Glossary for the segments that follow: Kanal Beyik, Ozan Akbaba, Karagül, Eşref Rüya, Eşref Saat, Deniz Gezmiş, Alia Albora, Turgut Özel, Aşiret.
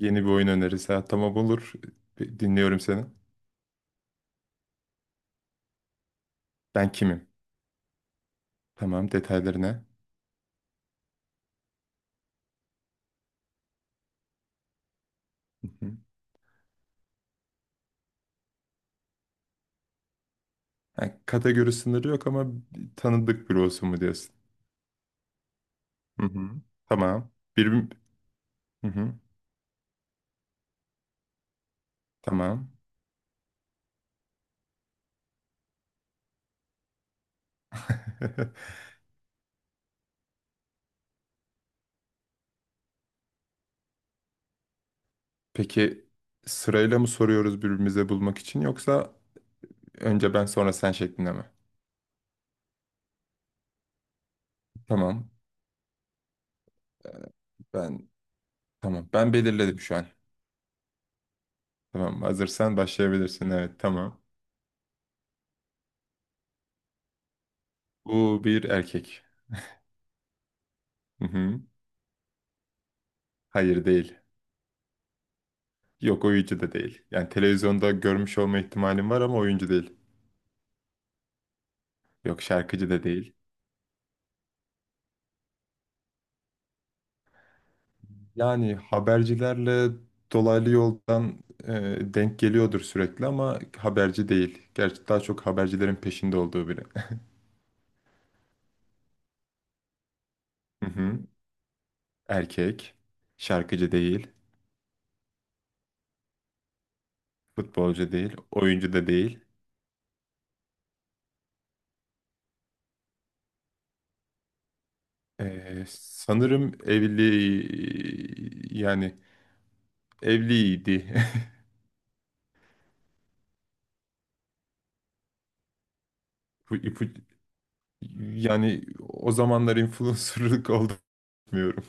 Yeni bir oyun önerisi. Ha, tamam olur. Bir, dinliyorum seni. Ben kimim? Tamam, detaylarına. Hı hı. Ha, kategori sınırı yok ama tanıdık biri olsun mu diyorsun? Hı hı. Tamam. Bir... Hı hı. Tamam. Peki, sırayla mı soruyoruz birbirimize bulmak için, yoksa önce ben sonra sen şeklinde mi? Tamam. Ee, Ben tamam. Ben belirledim şu an. Tamam. Hazırsan başlayabilirsin. Evet, tamam. Bu bir erkek. Hı hı. Hayır değil. Yok, oyuncu da değil. Yani televizyonda görmüş olma ihtimalim var ama oyuncu değil. Yok, şarkıcı da değil. Yani habercilerle dolaylı yoldan e, denk geliyordur sürekli ama haberci değil. Gerçi daha çok habercilerin peşinde olduğu biri. Hı hı. Erkek, şarkıcı değil, futbolcu değil, oyuncu da değil. Sanırım evli, yani evliydi. Bu- bu- Yani o zamanlar influencerlık olduğunu bilmiyorum.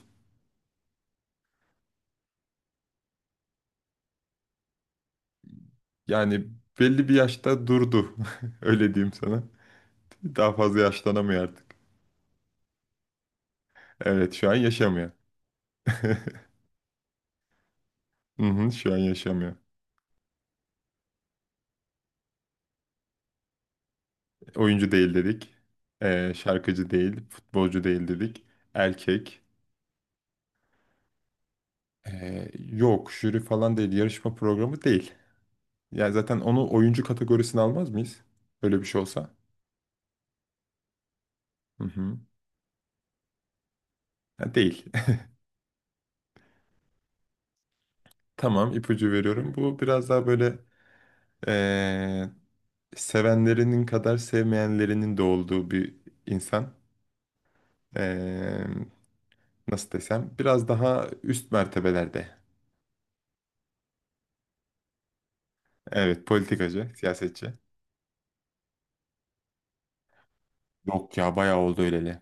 Yani belli bir yaşta durdu. Öyle diyeyim sana. Daha fazla yaşlanamıyor artık. Evet, şu an yaşamıyor. Hı hı, şu an yaşamıyor. Oyuncu değil dedik. Şarkıcı değil. Futbolcu değil dedik. Erkek. Yok jüri falan değil. Yarışma programı değil. Yani zaten onu oyuncu kategorisine almaz mıyız? Böyle bir şey olsa. Hı hı. Ha, değil. Tamam, ipucu veriyorum. Bu biraz daha böyle ee, sevenlerinin kadar sevmeyenlerinin de olduğu bir insan. Ee, nasıl desem, biraz daha üst mertebelerde. Evet, politikacı, siyasetçi. Yok ya, bayağı oldu öyleli.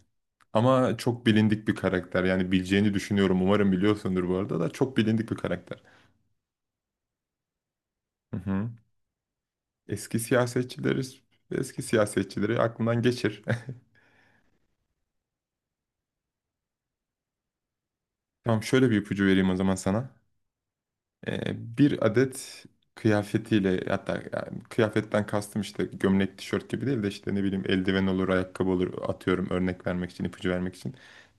Ama çok bilindik bir karakter. Yani bileceğini düşünüyorum. Umarım biliyorsundur bu arada da, çok bilindik bir karakter. Hı hı. Eski siyasetçileri, eski siyasetçileri aklından geçir. Tamam, şöyle bir ipucu vereyim o zaman sana. Bir adet kıyafetiyle, hatta yani kıyafetten kastım işte gömlek, tişört gibi değil de işte ne bileyim eldiven olur, ayakkabı olur, atıyorum örnek vermek için, ipucu vermek için.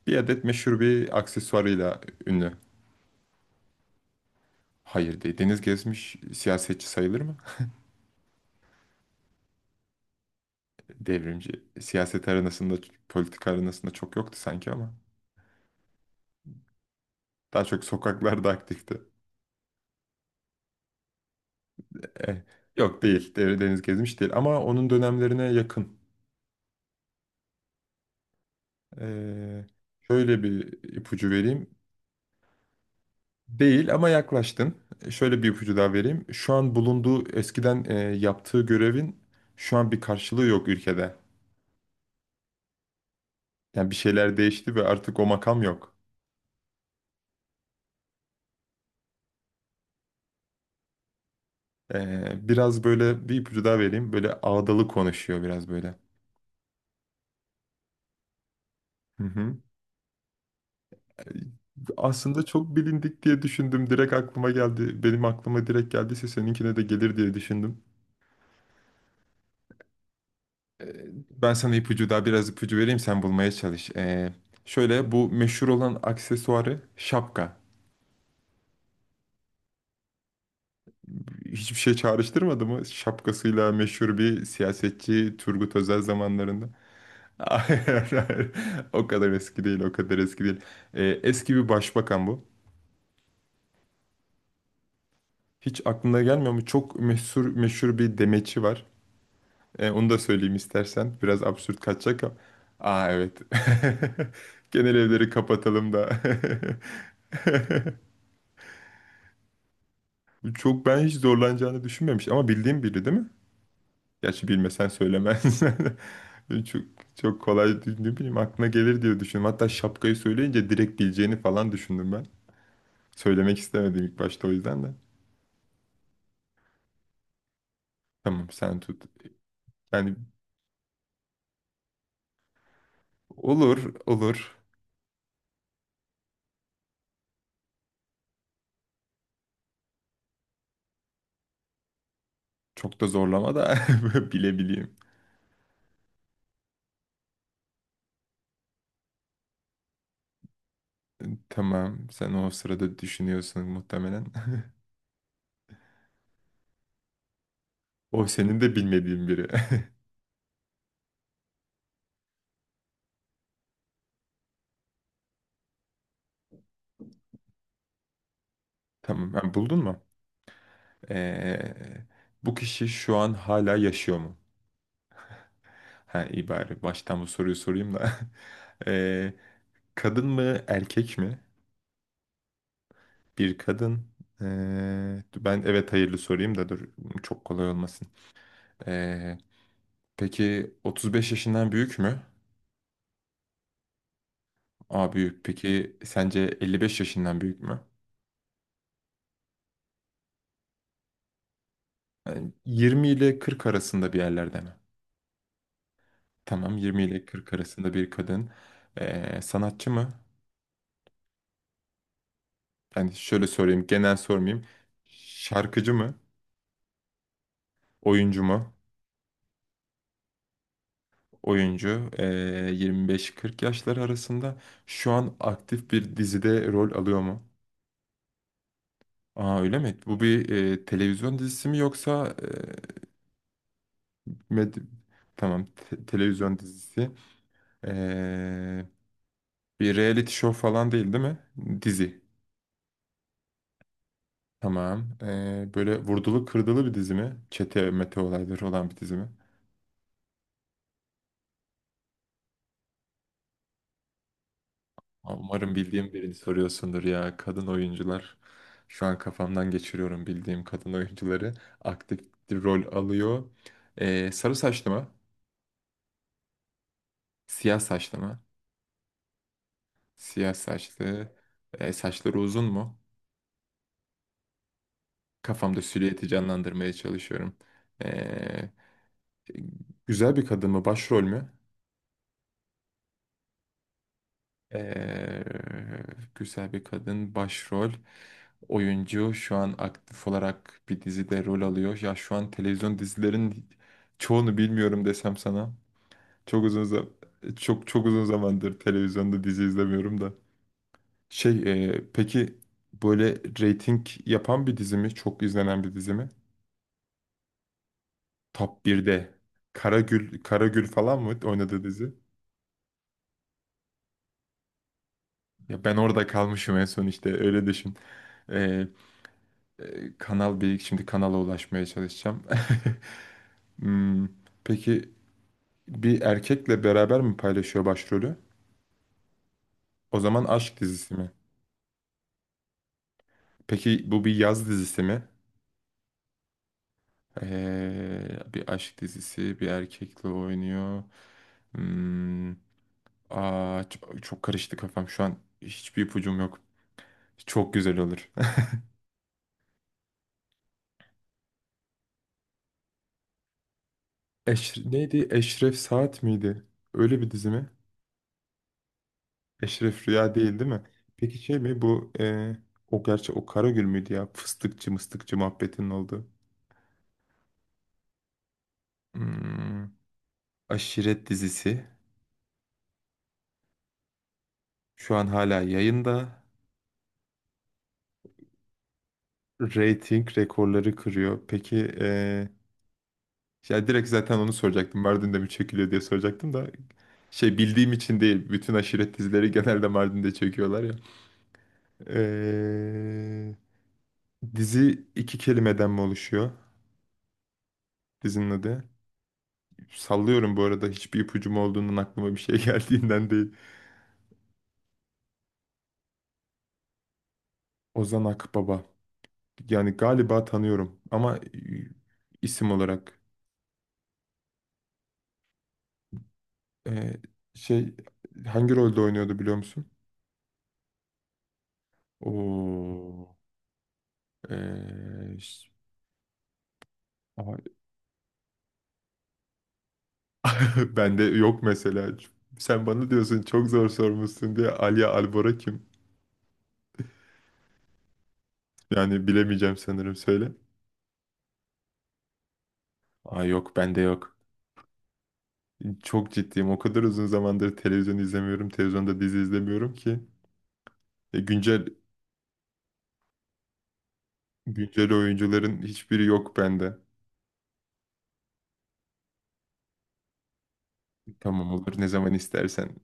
Bir adet meşhur bir aksesuarıyla ünlü. Hayır değil. Deniz Gezmiş siyasetçi sayılır mı? Devrimci. Siyaset arenasında, politika arenasında çok yoktu sanki ama. Daha çok sokaklarda aktifti. Eh, yok değil. Deniz Gezmiş değil ama onun dönemlerine yakın. Ee, şöyle bir ipucu vereyim. Değil ama yaklaştın. Şöyle bir ipucu daha vereyim. Şu an bulunduğu, eskiden yaptığı görevin şu an bir karşılığı yok ülkede. Yani bir şeyler değişti ve artık o makam yok. Biraz böyle bir ipucu daha vereyim. Böyle ağdalı konuşuyor biraz böyle. Hı hı. Aslında çok bilindik diye düşündüm. Direkt aklıma geldi. Benim aklıma direkt geldiyse seninkine de gelir diye düşündüm. Ben sana ipucu, daha biraz ipucu vereyim, sen bulmaya çalış. Şöyle bu meşhur olan aksesuarı şapka. Hiçbir şey çağrıştırmadı mı? Şapkasıyla meşhur bir siyasetçi, Turgut Özel zamanlarında. Hayır, hayır. O kadar eski değil, o kadar eski değil. Eski bir başbakan bu. Hiç aklına gelmiyor mu? Çok meşhur, meşhur bir demeçi var. Onu da söyleyeyim istersen. Biraz absürt kaçacak ama. Aa, evet. Genel evleri kapatalım da. Çok, ben hiç zorlanacağını düşünmemiş ama bildiğim biri değil mi? Gerçi bilmesen söylemez. Çok çok kolay, ne bileyim, aklına gelir diye düşündüm. Hatta şapkayı söyleyince direkt bileceğini falan düşündüm ben. Söylemek istemedim ilk başta, o yüzden de. Tamam, sen tut. Yani olur olur. Çok da zorlama da bilebileyim. Tamam, sen o sırada düşünüyorsun muhtemelen. O senin de bilmediğin biri. Tamam, ha, buldun mu? Ee, bu kişi şu an hala yaşıyor mu? Ha, iyi, bari baştan bu soruyu sorayım da. Ee, Kadın mı, erkek mi? Bir kadın. Ben evet hayırlı sorayım da, dur, çok kolay olmasın. Ee, peki 35 yaşından büyük mü? Aa, büyük. Peki sence 55 yaşından büyük mü? Yani 20 ile 40 arasında bir yerlerde mi? Tamam, 20 ile 40 arasında bir kadın. Sanatçı mı? Yani şöyle sorayım, genel sormayayım. Şarkıcı mı? Oyuncu mu? Oyuncu, 25-40 yaşları arasında şu an aktif bir dizide rol alıyor mu? Aa, öyle mi? Bu bir televizyon dizisi mi, yoksa med- tamam, televizyon dizisi. Eee, bir reality show falan değil, değil mi? Dizi. Tamam. Böyle vurdulu kırdılı bir dizi mi? Çete mete olayları olan bir dizi mi? Umarım bildiğim birini soruyorsundur ya. Kadın oyuncular. Şu an kafamdan geçiriyorum bildiğim kadın oyuncuları. Aktif bir rol alıyor. Sarı saçlı mı? Siyah saçlı mı? Siyah saçlı. Saçları uzun mu? Kafamda silüeti canlandırmaya çalışıyorum. Ee, güzel bir kadın mı? Başrol mü? Ee, güzel bir kadın, başrol oyuncu, şu an aktif olarak bir dizide rol alıyor. Ya şu an televizyon dizilerin çoğunu bilmiyorum desem sana. Çok uzun çok çok uzun zamandır televizyonda dizi izlemiyorum da. Şey peki böyle reyting yapan bir dizi mi? Çok izlenen bir dizi mi? Top 1'de. Karagül, Karagül falan mı oynadığı dizi? Ya ben orada kalmışım en son, işte öyle düşün. Kanal Beyik, şimdi kanala ulaşmaya çalışacağım. Hmm, peki bir erkekle beraber mi paylaşıyor başrolü? O zaman aşk dizisi mi? Peki bu bir yaz dizisi mi? Bir aşk dizisi, bir erkekle oynuyor. Hmm, aa, çok, çok karıştı kafam şu an. Hiçbir ipucum yok. Çok güzel olur. Eş, neydi? Eşref Saat miydi? Öyle bir dizi mi? Eşref Rüya değil, değil mi? Peki şey mi bu, o, gerçi o Karagül müydü ya? Fıstıkçı, mıstıkçı muhabbetinin olduğu. Hmm, aşiret dizisi. Şu an hala yayında. Rating rekorları kırıyor. Peki ya, direkt zaten onu soracaktım. Mardin'de mi çekiliyor diye soracaktım da. Şey bildiğim için değil. Bütün aşiret dizileri genelde Mardin'de çekiyorlar ya. E, dizi iki kelimeden mi oluşuyor? Dizinin adı. Sallıyorum bu arada, hiçbir ipucum olduğundan, aklıma bir şey geldiğinden değil. Ozan Akbaba. Yani galiba tanıyorum ama isim olarak e, şey hangi rolde oynuyordu, biliyor musun? Oo, e, ş- ay, bende yok mesela. Sen bana diyorsun çok zor sormuşsun diye, Alia Albora kim? Yani bilemeyeceğim sanırım, söyle. Aa, yok, bende yok. Çok ciddiyim. O kadar uzun zamandır televizyon izlemiyorum. Televizyonda dizi izlemiyorum ki. E, güncel Güncel oyuncuların hiçbiri yok bende. Tamam, olur, ne zaman istersen.